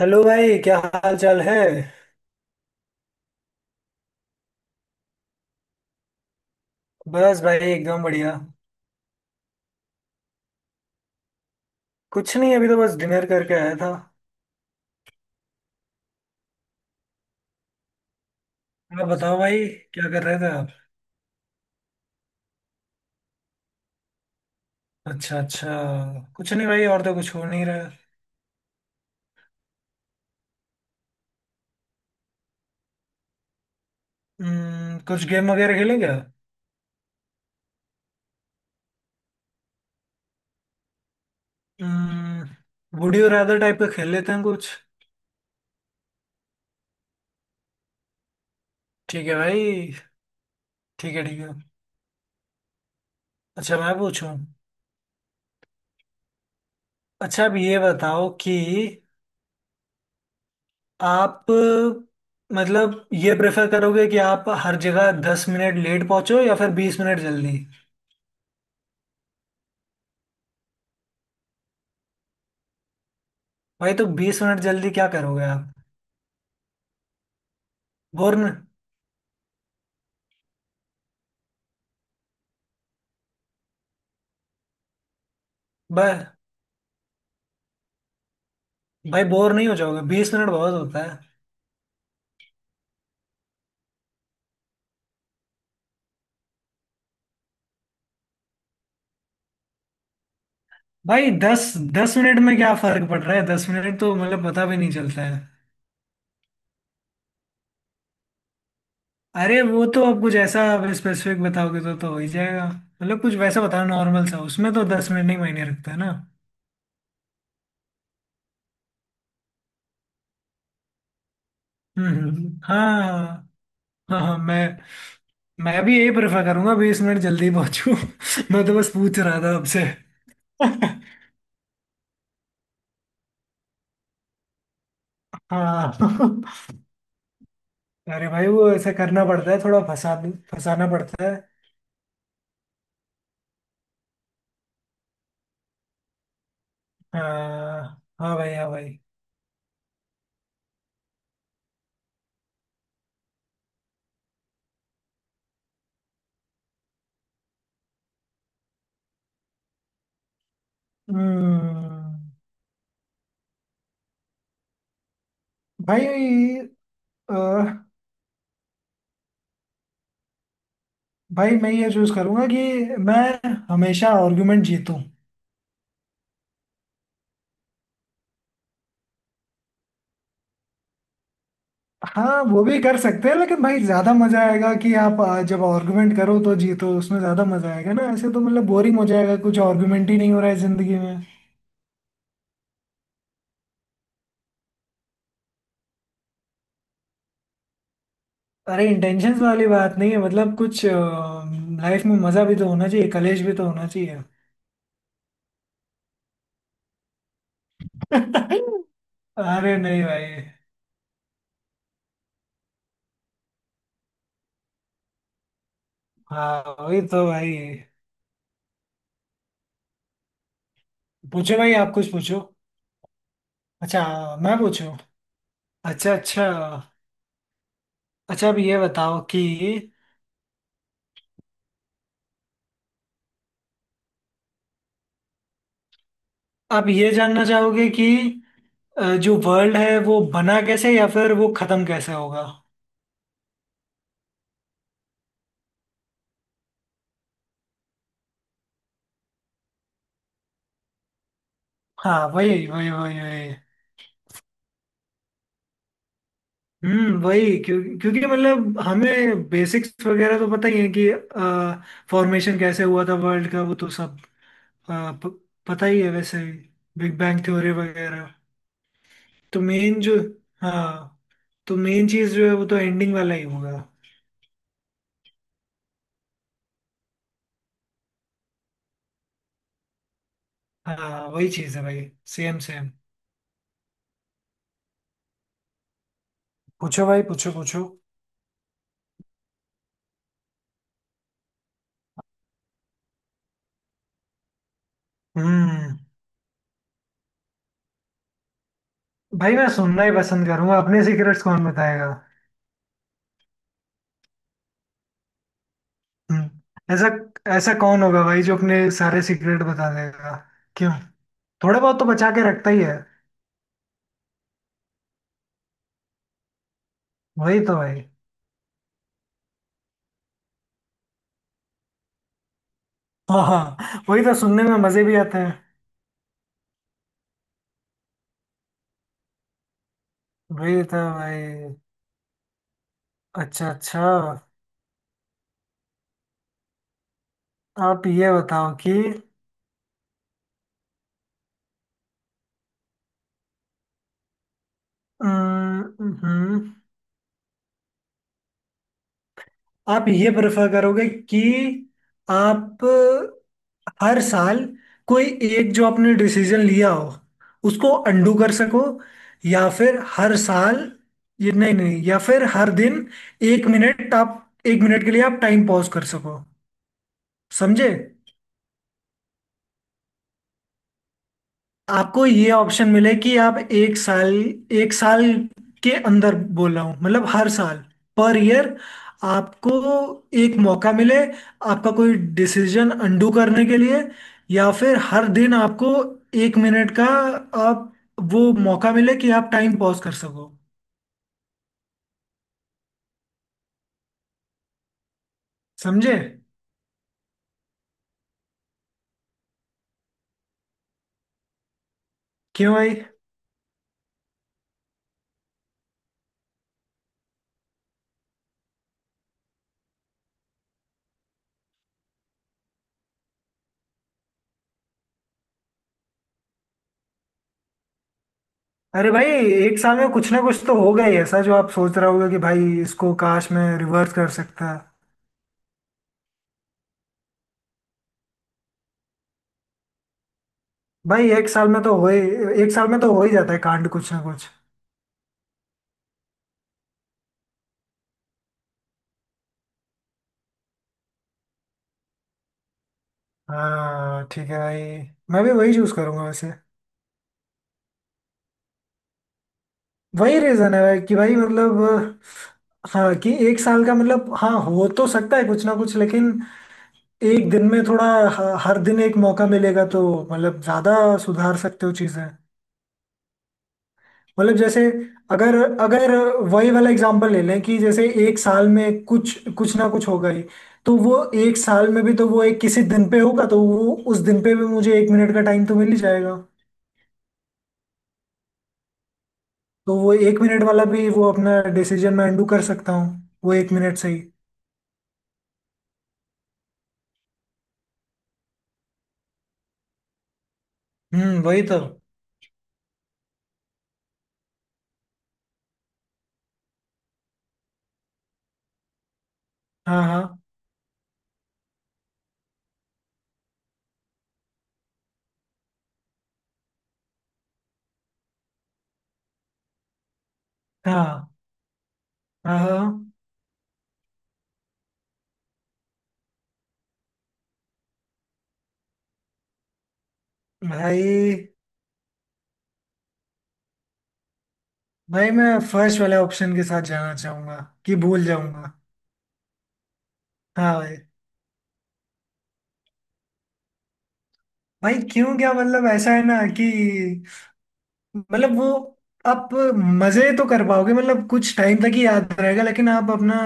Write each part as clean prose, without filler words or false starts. Hello भाई, क्या हाल चाल है। बस भाई, एकदम बढ़िया। कुछ नहीं, अभी तो बस डिनर करके आया था। आप बताओ भाई। क्या कर रहे थे आप? अच्छा अच्छा, कुछ नहीं भाई, और तो कुछ हो नहीं रहा है। कुछ गेम वगैरह खेलें क्या? वुड यू रादर टाइप का खेल लेते हैं कुछ। ठीक है भाई। ठीक है, ठीक है। अच्छा मैं पूछूं। अच्छा अब ये बताओ कि आप, मतलब ये प्रेफर करोगे कि आप हर जगह दस मिनट लेट पहुंचो या फिर बीस मिनट जल्दी? भाई तो बीस मिनट जल्दी क्या करोगे आप? बोर न भाई? भाई बोर नहीं हो जाओगे? बीस मिनट बहुत होता है। भाई दस, दस मिनट में क्या फर्क पड़ रहा है? दस मिनट तो मतलब पता भी नहीं चलता है। अरे वो तो आप कुछ ऐसा स्पेसिफिक बताओगे तो हो ही जाएगा। मतलब कुछ वैसा बताओ नॉर्मल सा, उसमें तो दस मिनट नहीं मायने रखता है ना। हम्म, हाँ। हाँ हाँ, मैं भी यही प्रेफर करूंगा बीस मिनट जल्दी पहुंचूं। मैं तो बस पूछ रहा था आपसे। हाँ। अरे भाई वो ऐसा करना पड़ता है, थोड़ा फंसा, फंसाना पड़ता है। हाँ। हाँ भाई, हाँ भाई। हम्म। भाई अ, भाई मैं ये चूज करूंगा कि मैं हमेशा आर्गुमेंट जीतूं। हाँ, वो भी कर सकते हैं लेकिन भाई ज्यादा मजा आएगा कि आप जब आर्गुमेंट करो तो जीतो, उसमें ज्यादा मजा आएगा ना। ऐसे तो मतलब बोरिंग हो जाएगा, कुछ आर्गुमेंट ही नहीं हो रहा है जिंदगी में। अरे इंटेंशंस वाली बात नहीं है, मतलब कुछ लाइफ में मजा भी तो होना चाहिए, कलेश भी तो होना चाहिए। अरे नहीं भाई। हाँ वही तो भाई। पूछो भाई, आप कुछ पूछो। अच्छा, मैं पूछूं। अच्छा अच्छा। अच्छा अब ये बताओ कि आप ये जानना चाहोगे कि जो वर्ल्ड है वो बना कैसे या फिर वो खत्म कैसे होगा? हाँ, वही वही वही वही। वही क्यों? क्योंकि मतलब हमें बेसिक्स वगैरह तो पता ही है कि फॉर्मेशन कैसे हुआ था, वर्ल्ड का वो तो सब अ, प, पता ही है वैसे। बिग बैंग थ्योरी वगैरह। तो मेन जो, हाँ तो मेन चीज जो है वो तो एंडिंग वाला ही होगा। हाँ वही चीज है भाई। Same same. पूछो भाई, पूछो पूछो। हम्म भाई मैं सुनना ही पसंद करूंगा, अपने सीक्रेट्स कौन बताएगा। ऐसा, ऐसा कौन होगा भाई जो अपने सारे सीक्रेट बता देगा? क्यों? थोड़े बहुत तो बचा के रखता ही है। वही तो भाई। हाँ हाँ, वही तो, सुनने में मजे भी आते हैं। वही तो भाई। अच्छा अच्छा, आप ये बताओ कि हम्म, हम्म, आप ये प्रेफर करोगे कि आप हर साल कोई एक जो आपने डिसीजन लिया हो उसको अंडू कर सको, या फिर हर साल, ये नहीं नहीं, या फिर हर दिन एक मिनट आप, एक मिनट के लिए आप टाइम पॉज कर सको, समझे? आपको ये ऑप्शन मिले कि आप एक साल के अंदर बोल रहा हूँ मतलब हर साल, पर ईयर, आपको एक मौका मिले आपका कोई डिसीजन अंडू करने के लिए, या फिर हर दिन आपको एक मिनट का, आप वो मौका मिले कि आप टाइम पॉज कर सको, समझे? क्यों भाई? अरे भाई एक साल में कुछ ना कुछ तो होगा ही ऐसा जो आप सोच रहा होगा कि भाई इसको काश मैं रिवर्स कर सकता। भाई एक साल में तो हो ही जाता है कांड, कुछ ना कुछ। हाँ ठीक है भाई, मैं भी वही चूज करूंगा वैसे। वही रीजन है भाई कि भाई मतलब, हाँ कि एक साल का मतलब हाँ हो तो सकता है कुछ ना कुछ, लेकिन एक दिन में थोड़ा, हर दिन एक मौका मिलेगा तो मतलब ज्यादा सुधार सकते हो चीजें। मतलब जैसे, अगर अगर वही वाला एग्जांपल ले लें कि जैसे एक साल में कुछ कुछ ना कुछ होगा ही, तो वो एक साल में भी तो वो एक किसी दिन पे होगा, तो वो उस दिन पे भी मुझे एक मिनट का टाइम तो मिल ही जाएगा। तो वो एक मिनट वाला भी, वो अपना डिसीजन मैं अंडू कर सकता हूँ वो एक मिनट से ही। वही तो। हाँ हाँ हाँ हाँ। हाँ भाई। भाई मैं फर्स्ट वाले ऑप्शन के साथ जाना चाहूंगा, कि भूल जाऊंगा। हाँ भाई। भाई क्यों, क्या मतलब ऐसा है ना कि, मतलब वो, आप मजे तो कर पाओगे, मतलब कुछ टाइम तक ही याद रहेगा, लेकिन आप अपना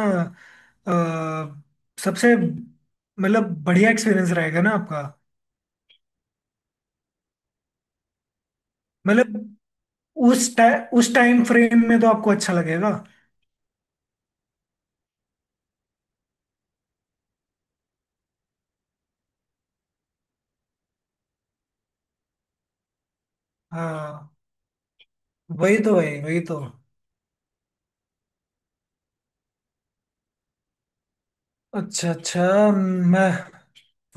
सबसे मतलब बढ़िया एक्सपीरियंस रहेगा ना आपका। मतलब उस टाइ उस टाइम फ्रेम में तो आपको अच्छा लगेगा। हाँ वही तो भाई, वही तो। अच्छा अच्छा, मैं,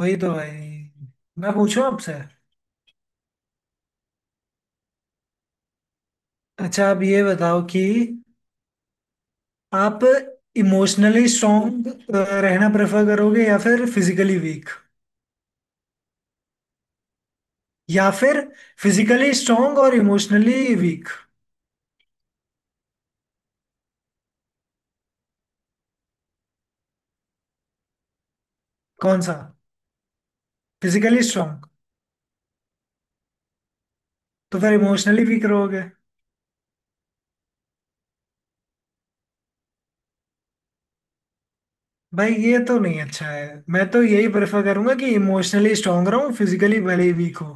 वही तो भाई। मैं पूछूं आपसे। अच्छा आप ये बताओ कि आप इमोशनली स्ट्रांग रहना प्रेफर करोगे या फिर फिजिकली वीक, या फिर फिजिकली स्ट्रांग और इमोशनली वीक? कौन सा? फिजिकली स्ट्रांग तो फिर इमोशनली वीक रहोगे? भाई ये तो नहीं अच्छा है, मैं तो यही प्रेफर करूंगा कि इमोशनली स्ट्रांग रहूं, फिजिकली भले ही वीक हो।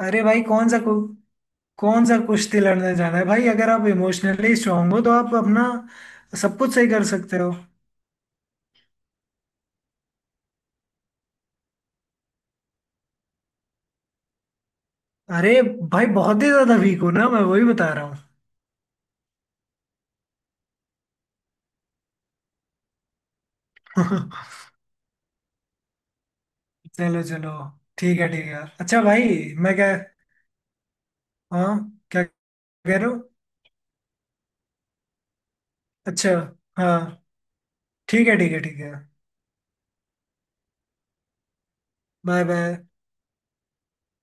अरे भाई कौन सा कुश्ती लड़ने जाना है भाई, अगर आप इमोशनली स्ट्रांग हो तो आप अपना सब कुछ सही कर सकते हो। अरे भाई बहुत ही ज्यादा वीक हो ना, मैं वही बता रहा हूँ। चलो चलो। ठीक है ठीक है, अच्छा भाई। मैं क्या, हाँ, क्या कह रहे हो? अच्छा। हाँ। ठीक है ठीक है ठीक है। Bye bye.